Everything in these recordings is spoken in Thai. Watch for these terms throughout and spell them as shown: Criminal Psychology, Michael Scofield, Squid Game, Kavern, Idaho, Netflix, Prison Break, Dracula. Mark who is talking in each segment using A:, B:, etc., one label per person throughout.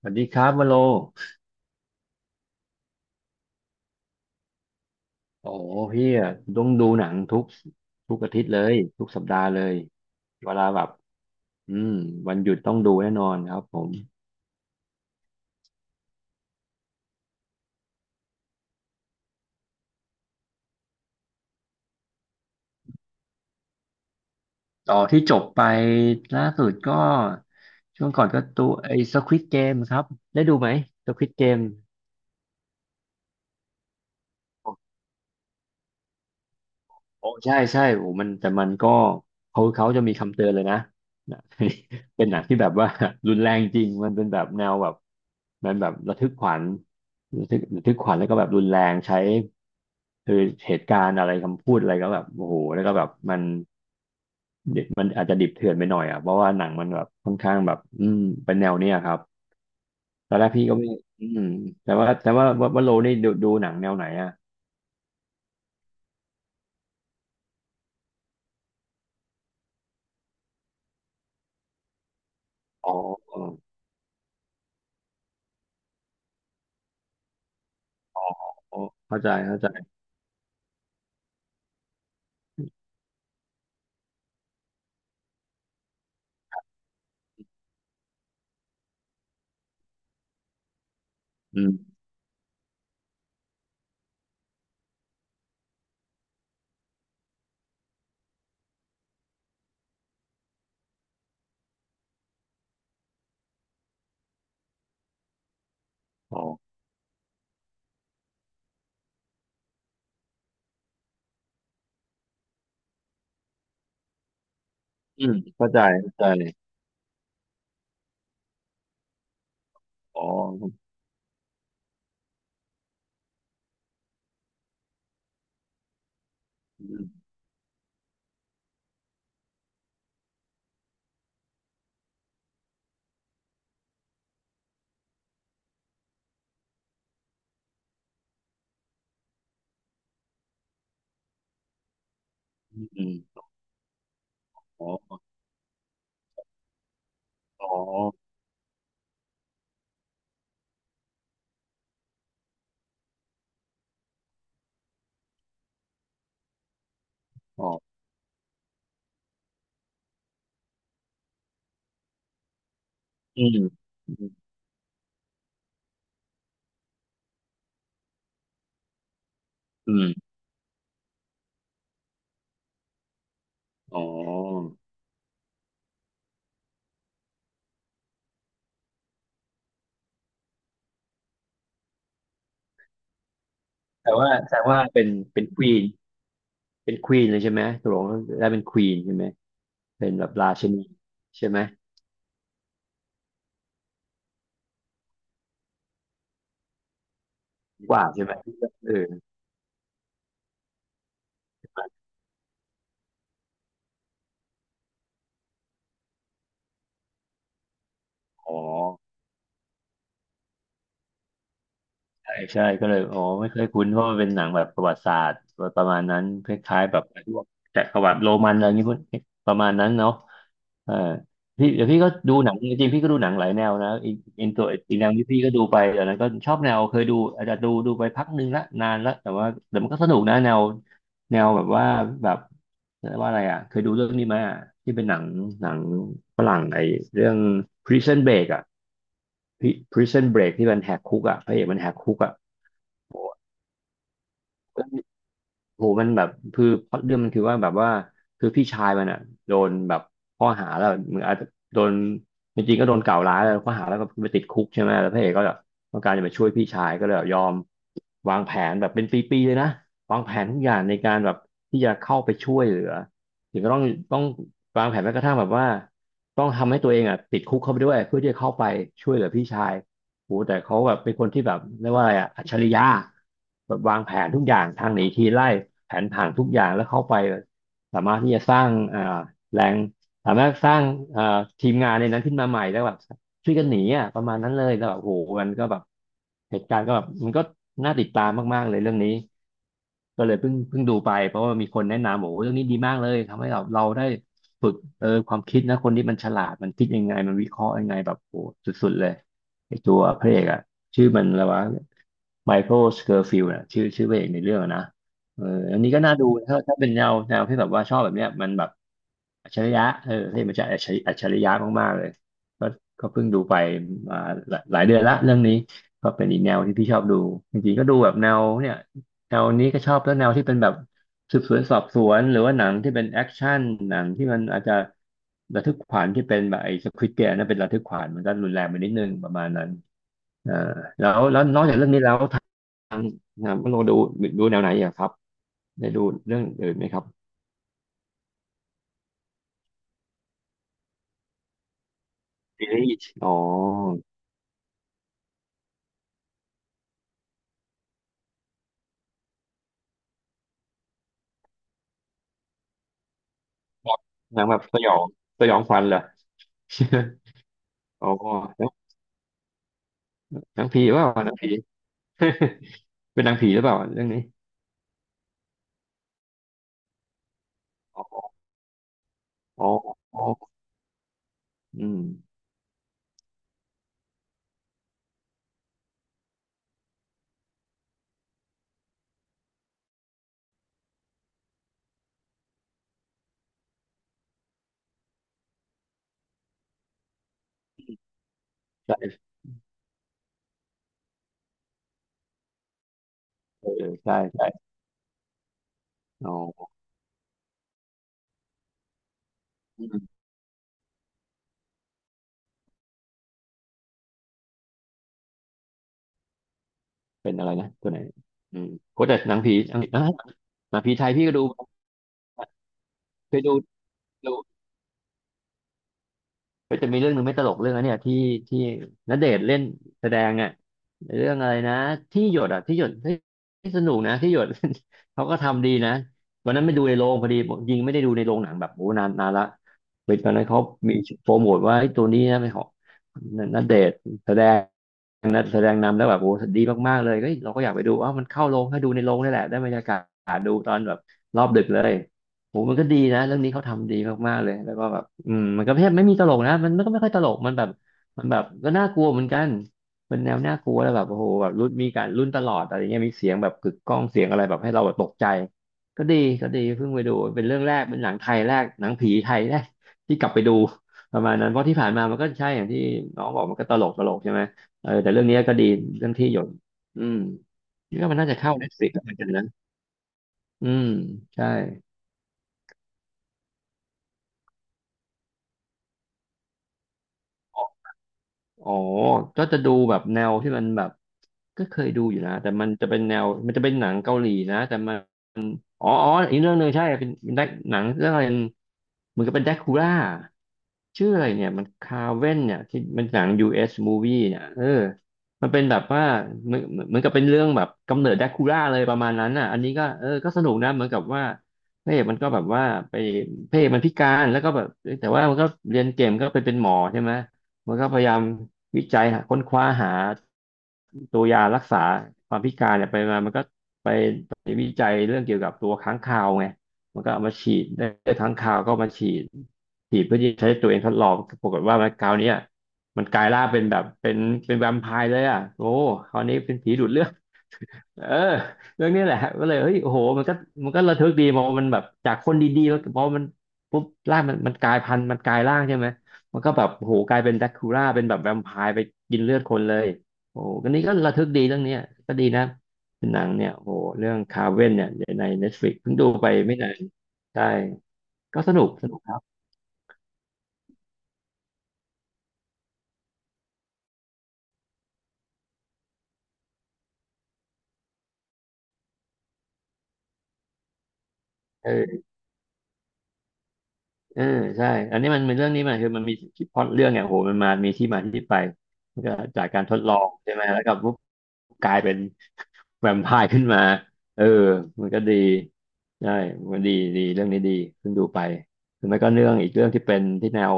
A: สวัสดีครับวโล โอ้โหพี่อะต้องดูหนังทุกอาทิตย์เลยทุกสัปดาห์เลย เวลาแบบอืมวันหยุดต้องดูแน่นอนครับผม ต่อที่จบไปล่าสุดก็ช่วงก่อนก็ตัวไอ้ Squid Game ครับได้ดูไหม Squid Game โอ้ใช่ใช่โอ้มันแต่มันก็เขาจะมีคำเตือนเลยนะนะ เป็นหนังที่แบบว่า รุนแรงจริงมันเป็นแบบแนวแบบมันแบบระทึกขวัญระทึกขวัญแล้วก็แบบรุนแรงใช้คือเหตุการณ์อะไรคำพูดอะไรก็แบบโอ้โหแล้วก็แบบมันอาจจะดิบเถื่อนไปหน่อยอ่ะเพราะว่าหนังมันแบบค่อนข้างแบบเป็นแนวเนี้ยครับตอนแรกพี่ก็ไม่อืมแต่ว่าแต่ว่าโลนี่ดูหนังแนวไหนอ่ะอ๋ออ๋อเข้าใจเข้าใจอืมอ๋อ อืมเข้าใจเข้าใจอ๋ออืมอืมอ๋ออ๋ออ๋ออืมอืมอืมอ๋อแต่ว่าเป็นเป็นควีนเป็นควีนเลยใช่ไหมตกลงได้เป็นควีนใช่ไหมเป็นแบบราชินีใช่ไหมกว่าใช่ไหมเอออ๋อ ใช่ใช่ก็เลยอ๋อไม่เคยคุ้นเพราะมันเป็นหนังแบบประวัติศาสตร์ประมาณนั้นคล้ายๆแบบพวกจักรวรรดิโรมันอะไรอย่างนี้พวกประมาณนั้นเนาะเออพี่เดี๋ยวพี่ก็ดูหนังจริงๆพี่ก็ดูหนังหลายแนวนะอีกตัวอีกแนวที่พี่ก็ดูไปแต่นนั้นก็ชอบแนวเคยดูอาจจะดูไปพักหนึ่งละนานละแต่ว่าแต่มันก็สนุกนะแนวแบบว่าแบบเรียกว่าอะไรอ่ะเคยดูเรื่องนี้ไหมอ่ะที่เป็นหนังฝรั่งไอ้เรื่อง Prison Break อ่ะ Prison Break ที่มันแหกคุกอ่ะพระเอกมันแหกคุกอ่ะโหโหมันแบบคือพล็อตเรื่องมันคือว่าแบบว่าคือพี่ชายมันอ่ะโดนแบบข้อหาแล้วเหมือนอาจจะโดนจริงๆก็โดนกล่าวร้ายแล้วข้อหาแล้วก็ไปติดคุกใช่ไหมแล้วพระเอกก็แบบต้องการจะมาช่วยพี่ชายก็เลยแบบยอมวางแผนแบบเป็นปีๆเลยนะวางแผนทุกอย่างในการแบบที่จะเข้าไปช่วยเหลือถึงก็ต้องวางแผนแม้กระทั่งแบบว่าต้องทำให้ตัวเองอ่ะติดคุกเข้าไปด้วยเพื่อที่จะเข้าไปช่วยเหลือพี่ชาย โหแต่เขาแบบเป็นคนที่แบบเรียกว่าอะไรอะอัจฉริยะแบบวางแผนทุกอย่างทางหนีทีไล่แผนผังทุกอย่างแล้วเข้าไปสามารถที่จะสร้างแรงสามารถสร้างอ่าทีมงานในนั้นขึ้นมาใหม่แล้วแบบช่วยกันหนีอ่ะประมาณนั้นเลยแล้วแบบโหมันก็แบบเหตุการณ์ก็แบบมันก็น่าติดตามมากๆเลยเรื่องนี้ก็เลยเพิ่งดูไปเพราะว่ามีคนแนะนำบอกว่าเรื่องนี้ดีมากเลยทำให้เราได้ฝึกเออความคิดนะคนที่มันฉลาดมันคิดยังไงมันวิเคราะห์ยังไงแบบโหสุดๆเลย ไอตัวพระเอกอะชื่อมันอะไรวะไมเคิลสเคอร์ฟิลด์อะชื่อพระเอกในเรื่องอะนะเอออันนี้ก็น่าดูถ้าเป็นแนวที่แบบว่าชอบแบบเนี้ยมันแบบอัจฉริยะเออที่มันจะอัจฉริยะมากๆเลยก็ก็เพิ่งดูไปมาหลายเดือนละเรื่องนี้ก็เป็นอีกแนวที่พี่ชอบดูจริงๆก็ดูแบบแนวเนี่ยแนวนี้ก็ชอบแล้วแนวที่เป็นแบบ สืบสวนสอบสวนหรือว่าหนังที่เป็นแอคชั่นหนังที่มันอาจจะระทึกขวัญที่เป็นแบบไอ้สควิดเกมนั่นเป็นระทึกขวัญมันก็รุนแรงไปนิดนึงประมาณนั้นอ่าแล้วนอกจากเรื่องนี้แล้วงทางคุณโอดูแนวไหนอีกอะครับได้ดูเรื่องอื่นไหมครับซีรีส์อ๋อแบบหนังแบบสยองสยองขวัญเหรอ อ๋อหนังนังผีว่าหนังผี เป็นหนังผีหรือเปล่าเรื่องนี้อ๋ออ๋ออ๋ออืมใช่เออใช่ใช่อ๋อ เป็นอะไรนะตัวไหนอืมโคตรแต่หนังผีอังกฤษอ่ะหนังผีไทยพี่ก็ดูเคยดูดู ก็จะมีเรื่องหนึ่งไม่ตลกเรื่องอันเนี้ยที่ณเดชน์เล่นแสดงอ่ะเรื่องอะไรนะที่หยดอ่ะที่หยดที่สนุกนะที่หยด เขาก็ทำดีนะวันนั้นไม่ดูในโรงพอดียิงไม่ได้ดูในโรงหนังแบบโอ้นานนานละไปตอนนั้นเขามีโปรโมทว่าไอ้ตัวนี้นะเป็นของณเดชน์แสดงนะแสดงนำแล้วแบบโอ้ดีมากๆเลยเฮ้ยเราก็อยากไปดูอ้าวมันเข้าโรงให้ดูในโรงนี่แหละได้บรรยากาศดูตอนแบบรอบดึกเลย โหมันก็ดีนะเรื่องนี้เขาทำดีมากๆเลยแล้วก็แบบอืมมันก็แทบไม่มีตลกนะมันก็ไม่ค่อยตลกมันแบบมันแบบก็น่ากลัวเหมือนกันเป็นแนวน่ากลัวแล้วแบบโอ้โหแบบรุ่นมีการรุ่นตลอดอะไรเงี้ยมีเสียงแบบกึกก้องเสียงอะไรแบบให้เราแบบตกใจก็ดีก็ดีเพิ่งไปดูเป็นเรื่องแรกเป็นหนังไทยแรกหนังผีไทยแรกที่กลับไปดูประมาณนั้นเพราะที่ผ่านมามันก็ใช่อย่างที่น้องบอกมันก็ตลกตลกใช่ไหมเออแต่เรื่องนี้ก็ดีเรื่องที่หยดอืมคิดว่ามันน่าจะเข้า Netflix เหมือนกันนะอืมใช่ อ๋อก็จะดูแบบแนวที่มันแบบก็เคยดูอยู่นะ แต่มันจะเป็นแนวมันจะเป็นหนังเกาหลีนะแต่มันอ๋ออ๋ออีกเรื่องหนึ่งใช่เป็นเป็นหนังเรื่องอะไรเหมือนกับเป็นแดคูล่าชื่ออะไรเนี่ย มันคาเว่นเนี่ยที่มันหนัง US movie เนี่ยเออมันเป็นแบบว่าเหมือนเหมือนกับเป็นเรื่องแบบกำเนิดแดคูล่าเลยประมาณนั้นน่ะอันนี้ก็เออก็สนุกนะ เหมือนกับว่าพระเอกมันก็แบบว่าไปพระเอกมันพิการแล้วก็แบบแต่ว่ามันก็เรียนเก่งก็ไปเป็นหมอใช่ไหมมันก็พยายาม วิจัยหาค้นคว้าหาตัวยารักษาความพิการเนี่ยไปมามันก็ไปไปวิจัยเรื่องเกี่ยวกับตัวค้างคาวไงมันก็เอามาฉีดได้ค้างคาวก็เอามาฉีดฉีดเพื่อที่จะใช้ตัวเองทดลองปรากฏว่ามันคราวเนี้ยมันกลายร่างเป็นแบบเป็นเป็นแวมไพร์เลยอ่ะโอ้คราวนี้เป็นผีดูดเลือด เออเรื่องนี้แหละก็เลยเฮ้ยโอ้โหมันก็มันก็ระทึกดีมองมันแบบจากคนดีๆแล้วพอมันปุ๊บร่างมันมันกลายพันธุ์มันกลายร่างใช่ไหม มันก็แบบโหกลายเป็นแดคูล่าเป็นแบบแวมไพร์ไปกินเลือดคนเลยโอ้ก็นี่ก็ระทึกดีเรื่องเนี้ยก็ดีนะเป็นหนังเนี่ยโหเรื่องคาเว่นเนี่ยใน Netflix เพิ่งดูไปไม่นานใช่ก็สนุกสนุกครับเออ เออใช่ อันนี้มันเป็นเรื่องนี้มันคือมันมีที่พล็อตเรื่องเนี่ยโหมันมามีที่มาที่ไปมันก็จากการทดลองใช่ไหมแล้วก็ปุ๊บกลายเป็น แวมไพร์ขึ้นมาเออมันก็ดีใช่มันดีดีเรื่องนี้ดีขึ้นดูไปหรือไม่ก็เรื่องอีกเรื่องที่เป็นที่แนว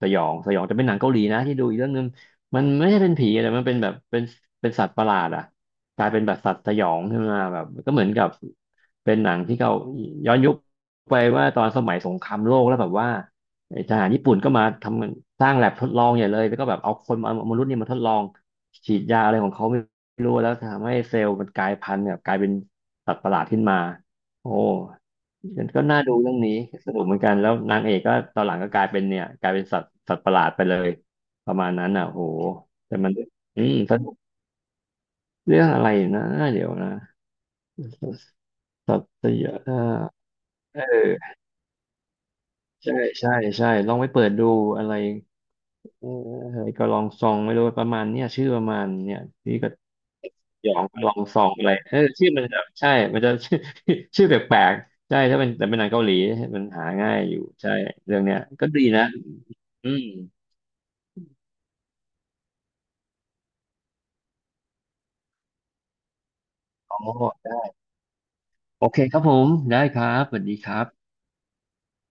A: สยองสยองแต่เป็นหนังเกาหลีนะที่ดูอีกเรื่องนึงมันไม่ใช่เป็นผีแต่มันเป็นแบบเป็นเป็นสัตว์ประหลาดอ่ะกลายเป็นแบบสัตว์สยองขึ้นมาแบบก็เหมือนกับเป็นหนังที่เขาย้อนยุค ไปว่าตอนสมัยสงครามโลกแล้วแบบว่าไอ้ทหารญี่ปุ่นก็มาทำสร้างแลบทดลองอย่างเลยแล้วก็แบบเอาคนมามนุษย์เนี่ยมาทดลองฉีดยาอะไรของเขาไม่รู้แล้วทำให้เซลล์มันกลายพันธุ์แบบกลายเป็นสัตว์ประหลาดขึ้นมาโอ้มันก็น่าดูเรื่องนี้สนุกเหมือนกันแล้วนางเอกก็ตอนหลังก็กลายเป็นเนี่ยกลายเป็นสัตว์สัตว์ประหลาดไปเลยประมาณนั้นอ่ะโหแต่มันอืมสนุกเรื่องอะไรนะเดี๋ยวนะสัตว์สยะเออ ใช่ใช่ใช่ลองไปเปิดดูอะไรเอออะไรก็ลองซองไม่รู้ประมาณเนี้ยชื่อประมาณเนี่ยพี่ก็หยองก็ลองซองอะไรเออชื่อมันจะใช่มันจะ ชื่อ ชื่อแปลกๆใช่ถ้าเป็นแต่เป็นหนังเกาหลีมันหาง่ายอยู่ใช่เรื่องเนี้ยก็ดีนะอืมอ๋อได้โอเคครับผมได้ครับสวัสดีครับ